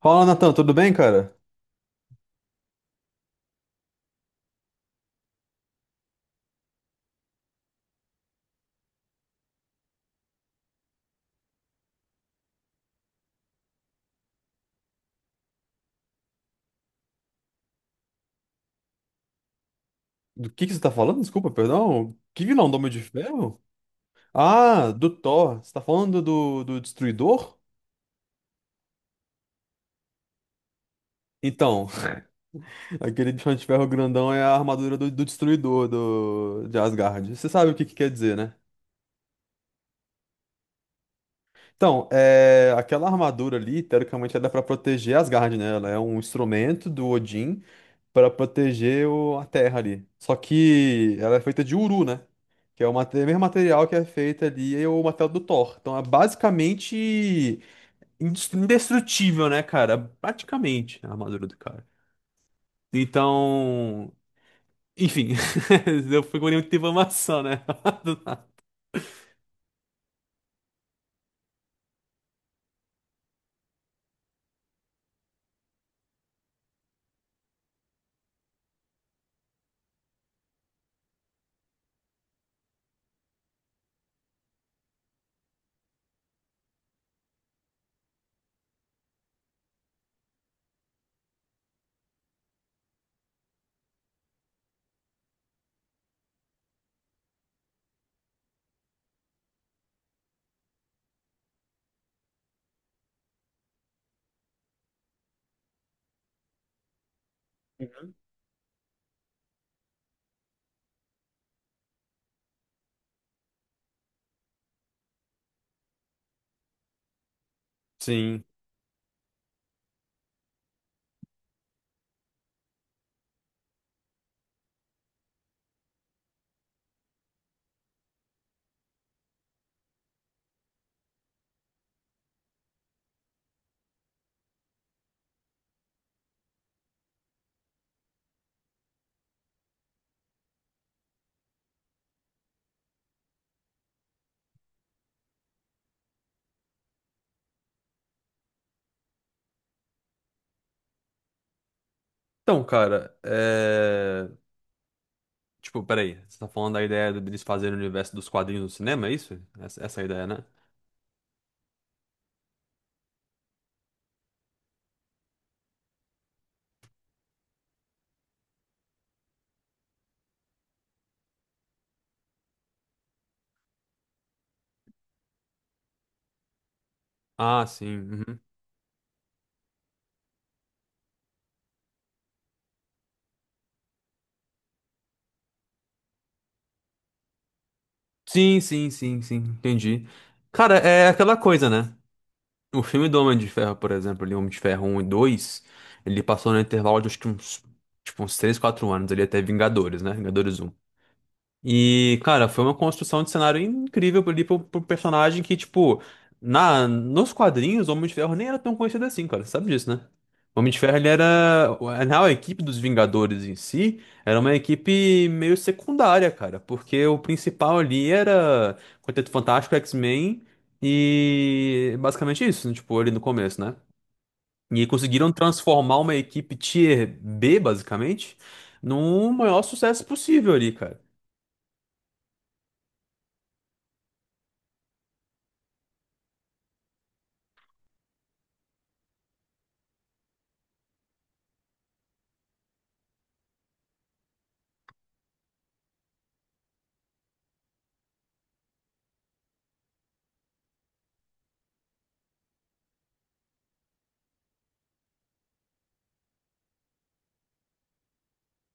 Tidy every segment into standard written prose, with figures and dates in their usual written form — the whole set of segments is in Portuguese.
Fala, Natan, tudo bem, cara? Do que você tá falando? Desculpa, perdão. Que vilão do Homem de Ferro? Ah, do Thor. Você tá falando do Destruidor? Então, aquele bichão de ferro grandão é a armadura do Destruidor de Asgard. Você sabe o que que quer dizer, né? Então, aquela armadura ali, teoricamente, ela é pra proteger Asgard, né? Ela é um instrumento do Odin para proteger a terra ali. Só que ela é feita de uru, né? Que é o mesmo material que é feito ali, é o material do Thor. Então é basicamente indestrutível, né, cara? Praticamente a armadura do cara. Então, enfim, eu fui com muita informação, né? Do nada. Sim. Então, cara. Tipo, peraí, você tá falando da ideia deles fazerem o universo dos quadrinhos no cinema, é isso? Essa é a ideia, né? Ah, sim. Uhum. Sim, sim, sim, sim, entendi. Cara, é aquela coisa, né? O filme do Homem de Ferro, por exemplo, ali, Homem de Ferro um e 2 ele passou no intervalo de acho que uns, tipo, uns 3 4 anos ali até Vingadores, né? Vingadores um. E, cara, foi uma construção de cenário incrível ali pro personagem que, tipo, nos quadrinhos, o Homem de Ferro nem era tão conhecido assim, cara. Você sabe disso, né? O Homem de Ferro, ele era. Na real, a equipe dos Vingadores em si era uma equipe meio secundária, cara. Porque o principal ali era Quarteto Fantástico, X-Men e basicamente isso, né, tipo, ali no começo, né? E conseguiram transformar uma equipe Tier B, basicamente, num maior sucesso possível ali, cara.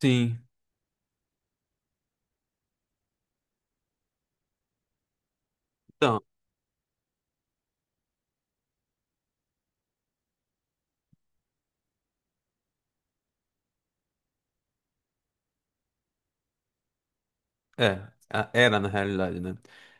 Sim. Então. É, era na realidade, né?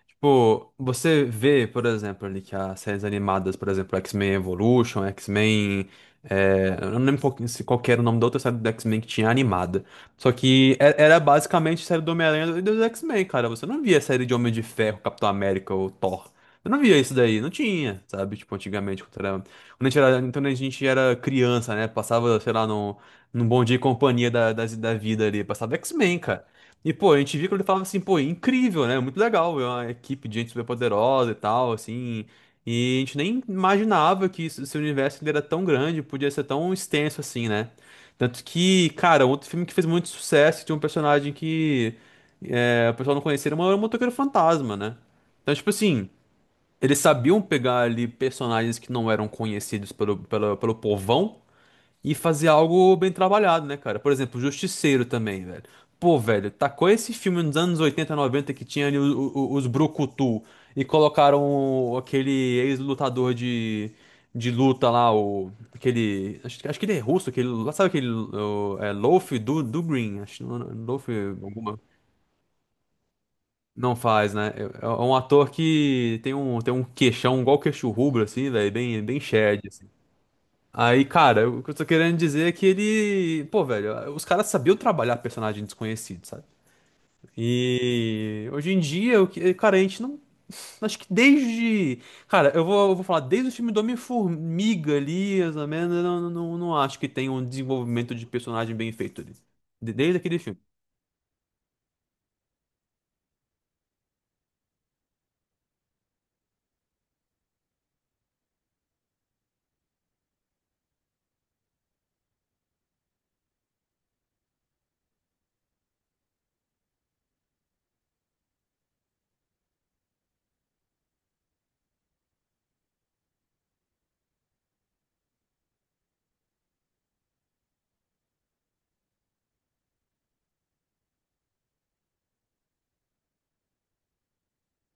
Tipo, você vê, por exemplo, ali que as séries animadas, por exemplo, X-Men Evolution, X-Men. Eu não lembro se qual que era o nome da outra série do X-Men que tinha animada. Só que era basicamente série do Homem-Aranha e dos X-Men, cara. Você não via série de Homem de Ferro, Capitão América ou Thor. Eu não via isso daí, não tinha, sabe? Tipo, antigamente, quando era, quando a gente era, quando a gente era criança, né? Passava, sei lá, num Bom Dia e Companhia da vida ali, passava X-Men, e, pô, a gente viu que ele falava assim, pô, é incrível, né? Muito legal, é uma equipe de gente super poderosa e tal, assim. E a gente nem imaginava que esse universo ele era tão grande, podia ser tão extenso assim, né? Tanto que, cara, outro filme que fez muito sucesso, tinha um personagem que é, o pessoal não conhecia, era um motoqueiro fantasma, né? Então, tipo assim, eles sabiam pegar ali personagens que não eram conhecidos pelo povão e fazer algo bem trabalhado, né, cara? Por exemplo, Justiceiro também, velho. Pô, velho, tacou esse filme nos anos 80 90 que tinha ali os Brucutu e colocaram aquele ex-lutador de luta lá, aquele. Acho que ele é russo, aquele. Sabe aquele. É, Loaf do Green? Acho, Loaf alguma. Não faz, né? É um ator que tem tem um queixão, igual queixo rubro, assim, velho, bem shed, assim. Aí, cara, o que eu tô querendo dizer é que ele. Pô, velho, os caras sabiam trabalhar personagem desconhecido, sabe? E hoje em dia, o que, cara, a gente não. Acho que desde. Cara, eu vou falar, desde o filme do Homem-Formiga ali, mais ou menos, eu não acho que tem um desenvolvimento de personagem bem feito ali. Desde aquele filme.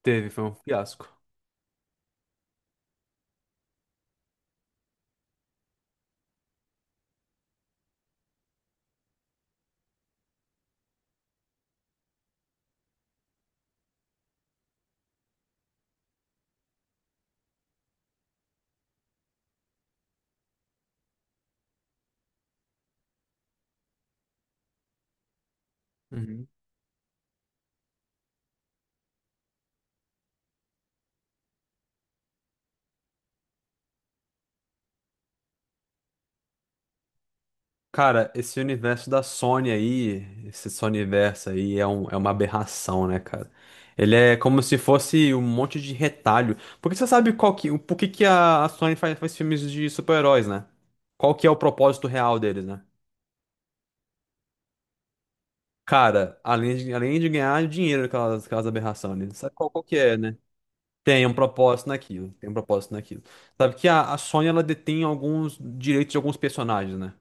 Teve, foi um fiasco. Uhum. Cara, esse universo da Sony aí, esse Sony universo aí é uma aberração, né, cara? Ele é como se fosse um monte de retalho. Porque você sabe qual que, por que que a Sony faz filmes de super-heróis, né? Qual que é o propósito real deles, né? Cara, além de ganhar dinheiro com aquelas aberrações, né? Sabe qual que é, né? Tem um propósito naquilo, tem um propósito naquilo. Sabe que a Sony, ela detém alguns direitos de alguns personagens, né?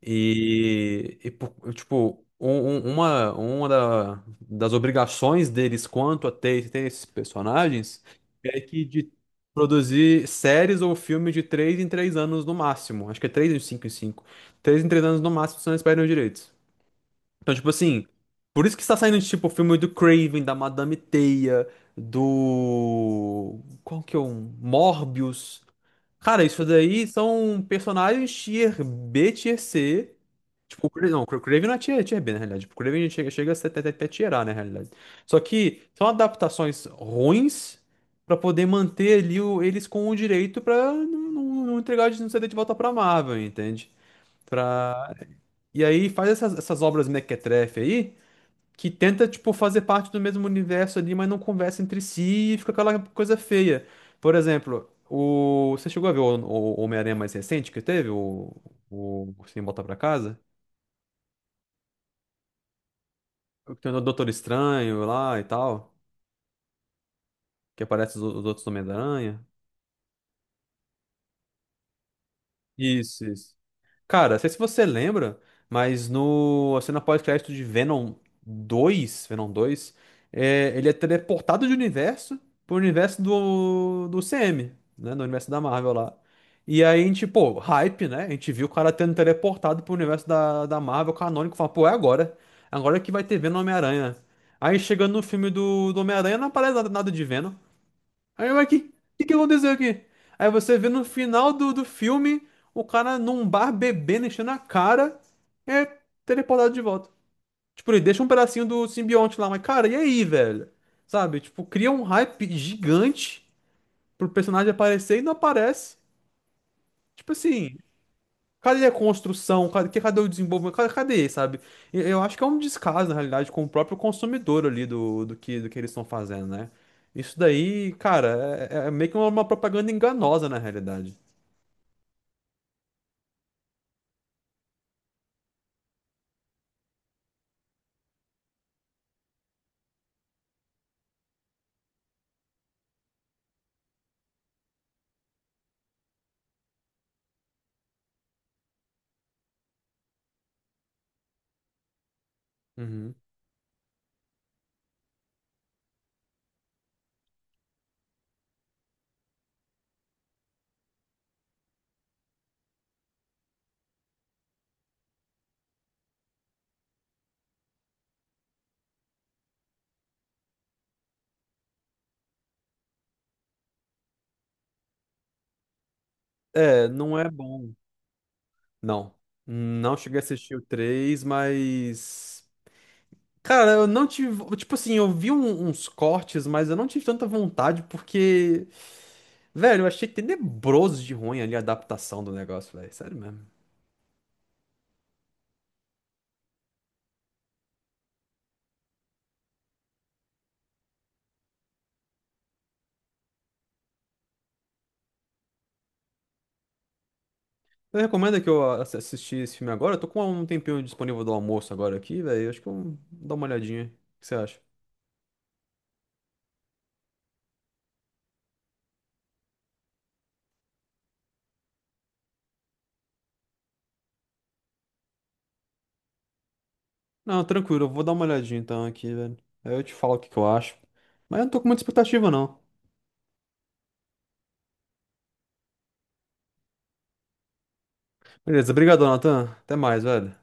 E, pô, tipo, uma das obrigações deles quanto a ter esses personagens é que de produzir séries ou filmes de 3 em 3 anos no máximo. Acho que é três em cinco em cinco. 3 em 3 anos no máximo, senão eles perdem os direitos. Então, tipo assim, por isso que está saindo, tipo, o filme do Craven, da Madame Teia, do. Qual que é um? Morbius. Cara, isso daí são personagens tier B, tier C. Tipo, não, o Craven não é tier B, na realidade. Tipo, o Craven chega a ser até tier A, na realidade. Só que são adaptações ruins pra poder manter ali eles com o direito pra não entregar, não ceder de volta pra Marvel, entende? Pra... E aí faz essas, essas obras mequetrefe aí que tenta, tipo, fazer parte do mesmo universo ali, mas não conversa entre si e fica aquela coisa feia. Por exemplo, você chegou a ver o Homem-Aranha mais recente que teve? O Sem Volta Pra Casa? Tem o Doutor Estranho lá e tal, que aparece os outros Homem-Aranha. Isso, isso. Cara, não sei se você lembra, mas no a cena pós-crédito de Venom 2, ele é teleportado de universo pro universo do CM, né? Do universo da Marvel lá. E aí a gente, pô, hype, né? A gente viu o cara tendo teleportado pro universo da Marvel canônico, fala, pô, é agora. Agora que vai ter Venom e Homem-Aranha. Aí chegando no filme do Homem-Aranha, não aparece nada, nada de Venom. Aí ué, que aconteceu aqui? Aí você vê no final do filme o cara num bar bebendo, enchendo a cara, é teleportado de volta. Tipo, ele deixa um pedacinho do simbionte lá, mas cara, e aí, velho? Sabe? Tipo, cria um hype gigante pro personagem aparecer e não aparece. Tipo assim. Cadê a construção? Cadê, cadê o desenvolvimento? Cadê, cadê, sabe? Eu acho que é um descaso, na realidade, com o próprio consumidor ali do, do que eles estão fazendo, né? Isso daí, cara, é meio que uma propaganda enganosa, na realidade. Uhum. É, não é bom. Não. Não cheguei a assistir o 3, mas. Cara, eu não tive. Tipo assim, eu vi uns cortes, mas eu não tive tanta vontade, porque. Velho, eu achei tenebroso de ruim ali a adaptação do negócio, velho. Sério mesmo. Você recomenda que eu assisti esse filme agora? Eu tô com um tempinho disponível do almoço agora aqui, velho. Acho que eu vou dar uma olhadinha. O que você acha? Não, tranquilo, eu vou dar uma olhadinha então aqui, velho. Aí eu te falo o que que eu acho. Mas eu não tô com muita expectativa, não. Beleza, obrigado, Nathan. Até mais, velho.